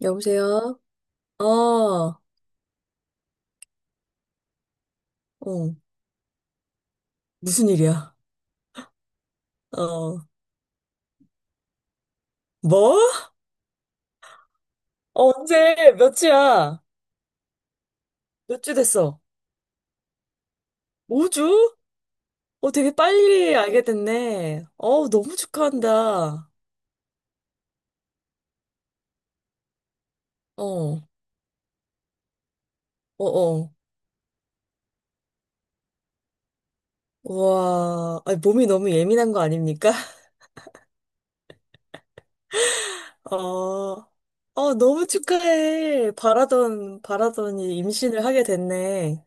여보세요? 어, 어, 무슨 일이야? 어, 뭐? 어, 언제? 몇 주야? 몇 주 됐어? 5주? 어, 되게 빨리 알게 됐네. 어, 너무 축하한다. 어, 어, 어. 와, 아니, 몸이 너무 예민한 거 아닙니까? 어, 어, 너무 축하해. 바라더니 임신을 하게 됐네.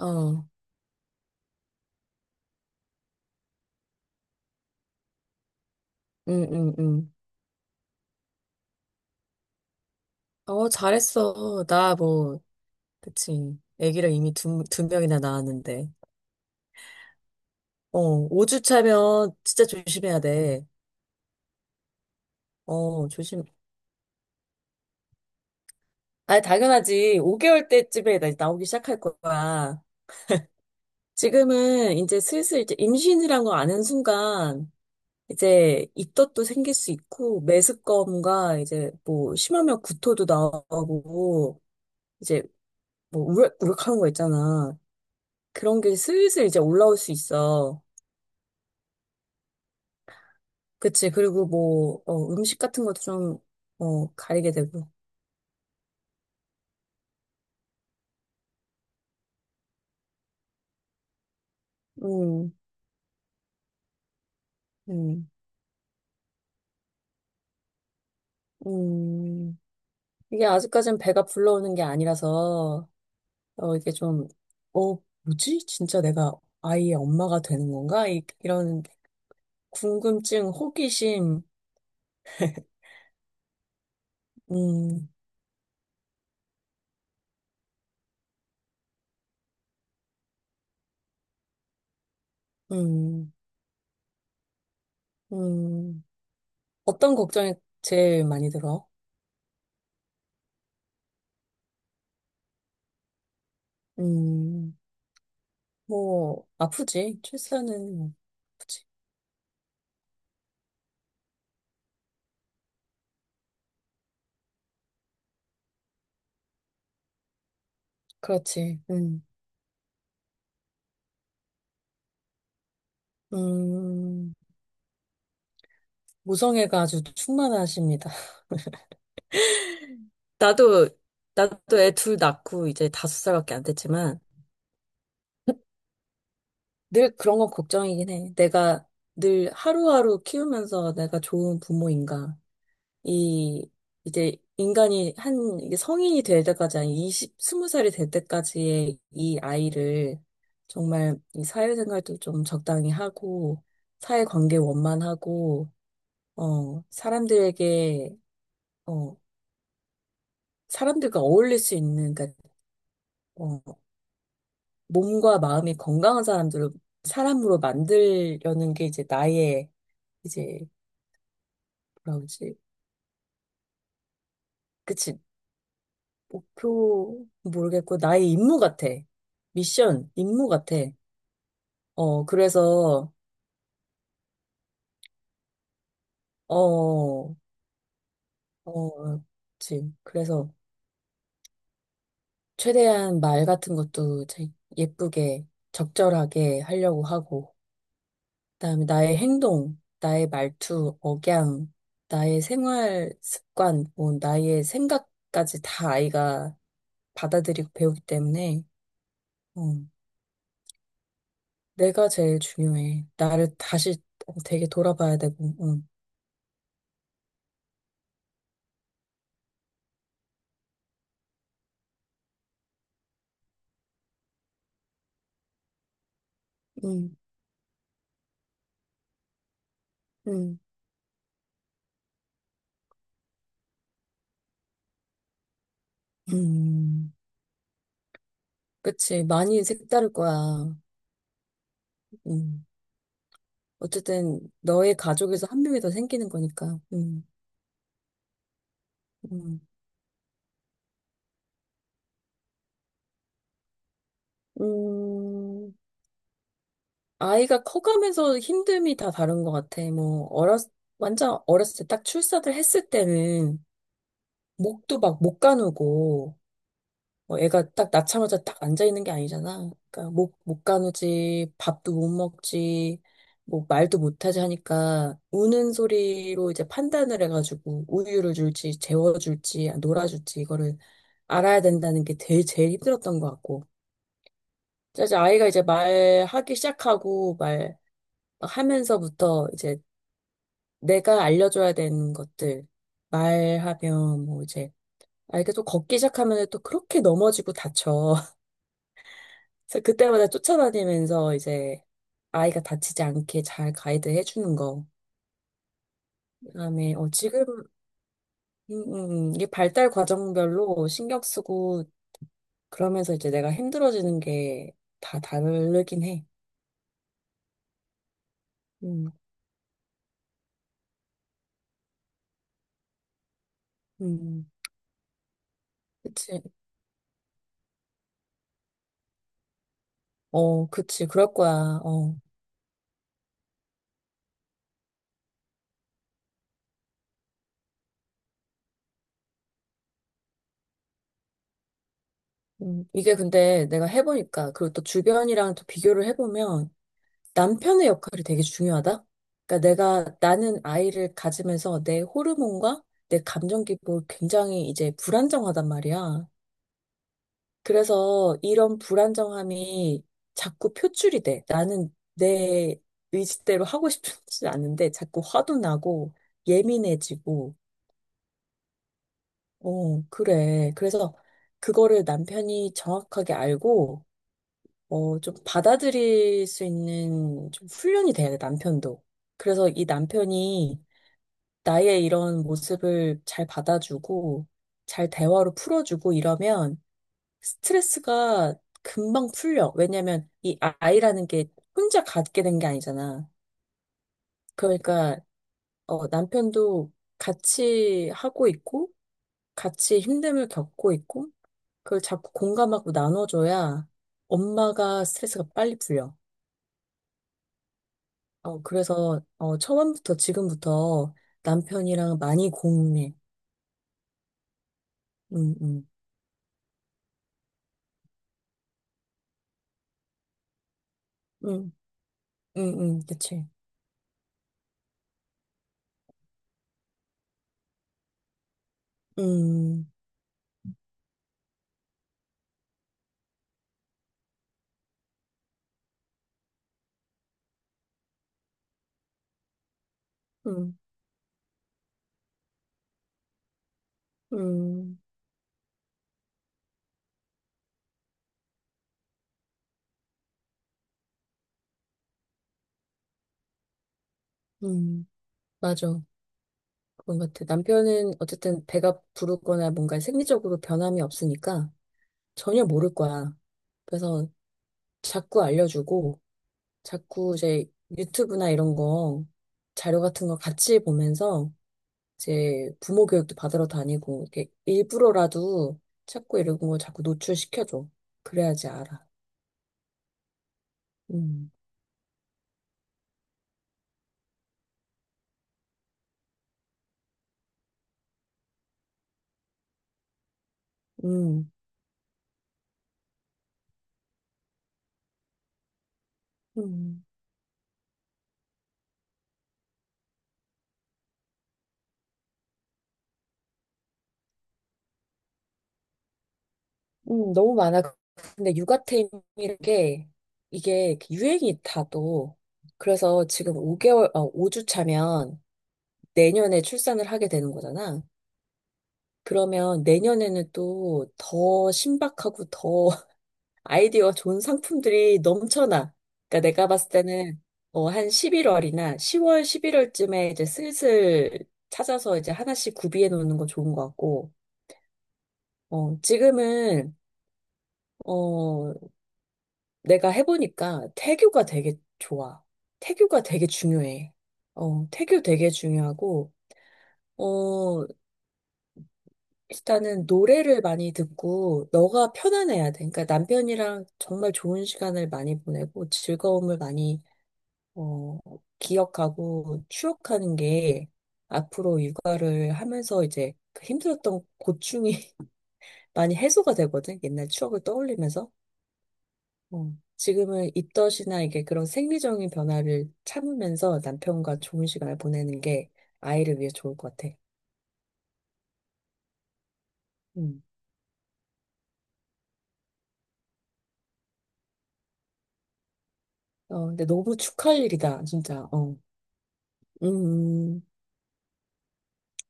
어, 응, 응, 응. 어, 잘했어. 나 뭐, 그치. 아기를 이미 두 명이나 낳았는데. 어, 5주 차면 진짜 조심해야 돼. 어, 조심. 아, 당연하지. 5개월 때쯤에 나오기 시작할 거야. 지금은 이제 슬슬 이제 임신이란 거 아는 순간 이제 입덧도 생길 수 있고 메스꺼움과 이제 뭐 심하면 구토도 나오고 이제 뭐 우럭하는 거 있잖아. 그런 게 슬슬 이제 올라올 수 있어. 그치. 그리고 뭐, 어, 음식 같은 것도 좀, 어, 가리게 되고. 음. 음. 음. 이게 아직까진 배가 불러오는 게 아니라서, 어, 이게 좀, 어, 뭐지? 진짜 내가 아이의 엄마가 되는 건가? 이런 궁금증, 호기심, 음. 음. 음. 어떤 걱정이 제일 많이 들어? 음, 뭐, 아프지. 출산은 뭐, 아프지. 그렇지. 음. 음. 모성애가 아주 충만하십니다. 나도, 나도 애 둘 낳고 이제 다섯 살밖에 안 됐지만 늘 그런 건 걱정이긴 해. 내가 늘 하루하루 키우면서 내가 좋은 부모인가. 이, 이제 인간이 이게 성인이 될 때까지, 한 20, 스무 살이 될 때까지의 이 아이를 정말 이 사회생활도 좀 적당히 하고, 사회관계 원만하고, 어, 사람들에게, 어, 사람들과 어울릴 수 있는, 그러니까 어, 몸과 마음이 건강한 사람들을 사람으로 만들려는 게 이제 나의 이제 뭐라 그러지? 그치. 목표 모르겠고 나의 임무 같아. 미션 임무 같아. 어, 그래서 어어 그치. 그래서 최대한 말 같은 것도 제- 예쁘게 적절하게 하려고 하고 그다음에 나의 행동, 나의 말투, 억양, 나의 생활 습관, 뭐 나의 생각까지 다 아이가 받아들이고 배우기 때문에 어, 내가 제일 중요해. 나를 다시 어, 되게 돌아봐야 되고. 어. 음. 음. 음. 그치. 많이 색다를 거야. 음. 어쨌든 너의 가족에서 한 명이 더 생기는 거니까. 음. 음. 음. 아이가 커가면서 힘듦이 다 다른 것 같아. 뭐, 어렸, 완전 어렸을 때 딱 출산을 했을 때는 목도 막 못 가누고, 뭐 애가 딱 낳자마자 딱 앉아있는 게 아니잖아. 그러니까 목, 못 가누지, 밥도 못 먹지, 뭐 말도 못하지 하니까 우는 소리로 이제 판단을 해가지고 우유를 줄지, 재워줄지, 놀아줄지 이거를 알아야 된다는 게 제일 힘들었던 것 같고. 이제 아이가 이제 말하기 시작하고 말, 막 하면서부터 이제 내가 알려줘야 되는 것들 말하면 뭐 이제 아, 이게 또 걷기 시작하면 또 그렇게 넘어지고 다쳐. 그래서 그때마다 쫓아다니면서 이제 아이가 다치지 않게 잘 가이드 해주는 거. 그다음에 어, 지금 음. 음. 음. 이게 발달 과정별로 신경 쓰고 그러면서 이제 내가 힘들어지는 게 다 다르긴 해. 음. 음. 그치. 어, 그치. 그럴 거야. 어. 이게 근데 내가 해보니까, 그리고 또 주변이랑 또 비교를 해보면, 남편의 역할이 되게 중요하다? 그러니까 내가, 나는 아이를 가지면서 내 호르몬과 내 감정 기복이 굉장히 이제 불안정하단 말이야. 그래서 이런 불안정함이 자꾸 표출이 돼. 나는 내 의지대로 하고 싶지 않은데 자꾸 화도 나고 예민해지고, 어, 그래. 그래서 그거를 남편이 정확하게 알고, 어, 좀 받아들일 수 있는 좀 훈련이 돼야 돼, 남편도. 그래서 이 남편이 나의 이런 모습을 잘 받아주고, 잘 대화로 풀어주고 이러면 스트레스가 금방 풀려. 왜냐면 이 아이라는 게 혼자 갖게 된 게 아니잖아. 그러니까, 어, 남편도 같이 하고 있고, 같이 힘듦을 겪고 있고, 그걸 자꾸 공감하고 나눠줘야 엄마가 스트레스가 빨리 풀려. 어, 그래서, 어, 처음부터 지금부터 남편이랑 많이 공유해. 응응응응응. 그치. 음. 음. 음. 음, 맞아. 그런 것 같아. 남편은 어쨌든 배가 부르거나 뭔가 생리적으로 변함이 없으니까 전혀 모를 거야. 그래서 자꾸 알려주고, 자꾸 이제 유튜브나 이런 거, 자료 같은 거 같이 보면서 이제 부모 교육도 받으러 다니고 이렇게 일부러라도 자꾸 이런 거 자꾸 노출시켜줘. 그래야지 알아. 음. 음. 음. 너무 많아. 근데 육아템이라는 게 이게 유행이 다도 그래서 지금 5개월, 어, 5주 차면 내년에 출산을 하게 되는 거잖아. 그러면 내년에는 또 더 신박하고 더 아이디어 좋은 상품들이 넘쳐나. 그러니까 내가 봤을 때는 어, 한 11월이나 10월, 11월쯤에 이제 슬슬 찾아서 이제 하나씩 구비해 놓는 거 좋은 것 같고, 어, 지금은 어, 내가 해보니까 태교가 되게 좋아. 태교가 되게 중요해. 어, 태교 되게 중요하고, 어, 일단은 노래를 많이 듣고 너가 편안해야 돼. 그러니까 남편이랑 정말 좋은 시간을 많이 보내고 즐거움을 많이 어, 기억하고 추억하는 게 앞으로 육아를 하면서 이제 그 힘들었던 고충이 많이 해소가 되거든. 옛날 추억을 떠올리면서. 어, 지금은 입덧이나 이게 그런 생리적인 변화를 참으면서 남편과 좋은 시간을 보내는 게 아이를 위해 좋을 것 같아. 음. 어, 근데 너무 축하할 일이다, 진짜. 어. 음. 음.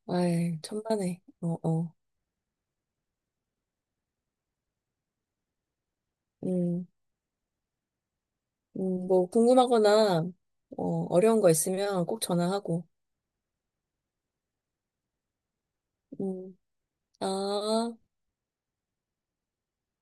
아이, 천만에. 어, 어. 음. 뭐 궁금하거나 어, 어려운 거 있으면 꼭 전화하고. 음. 아,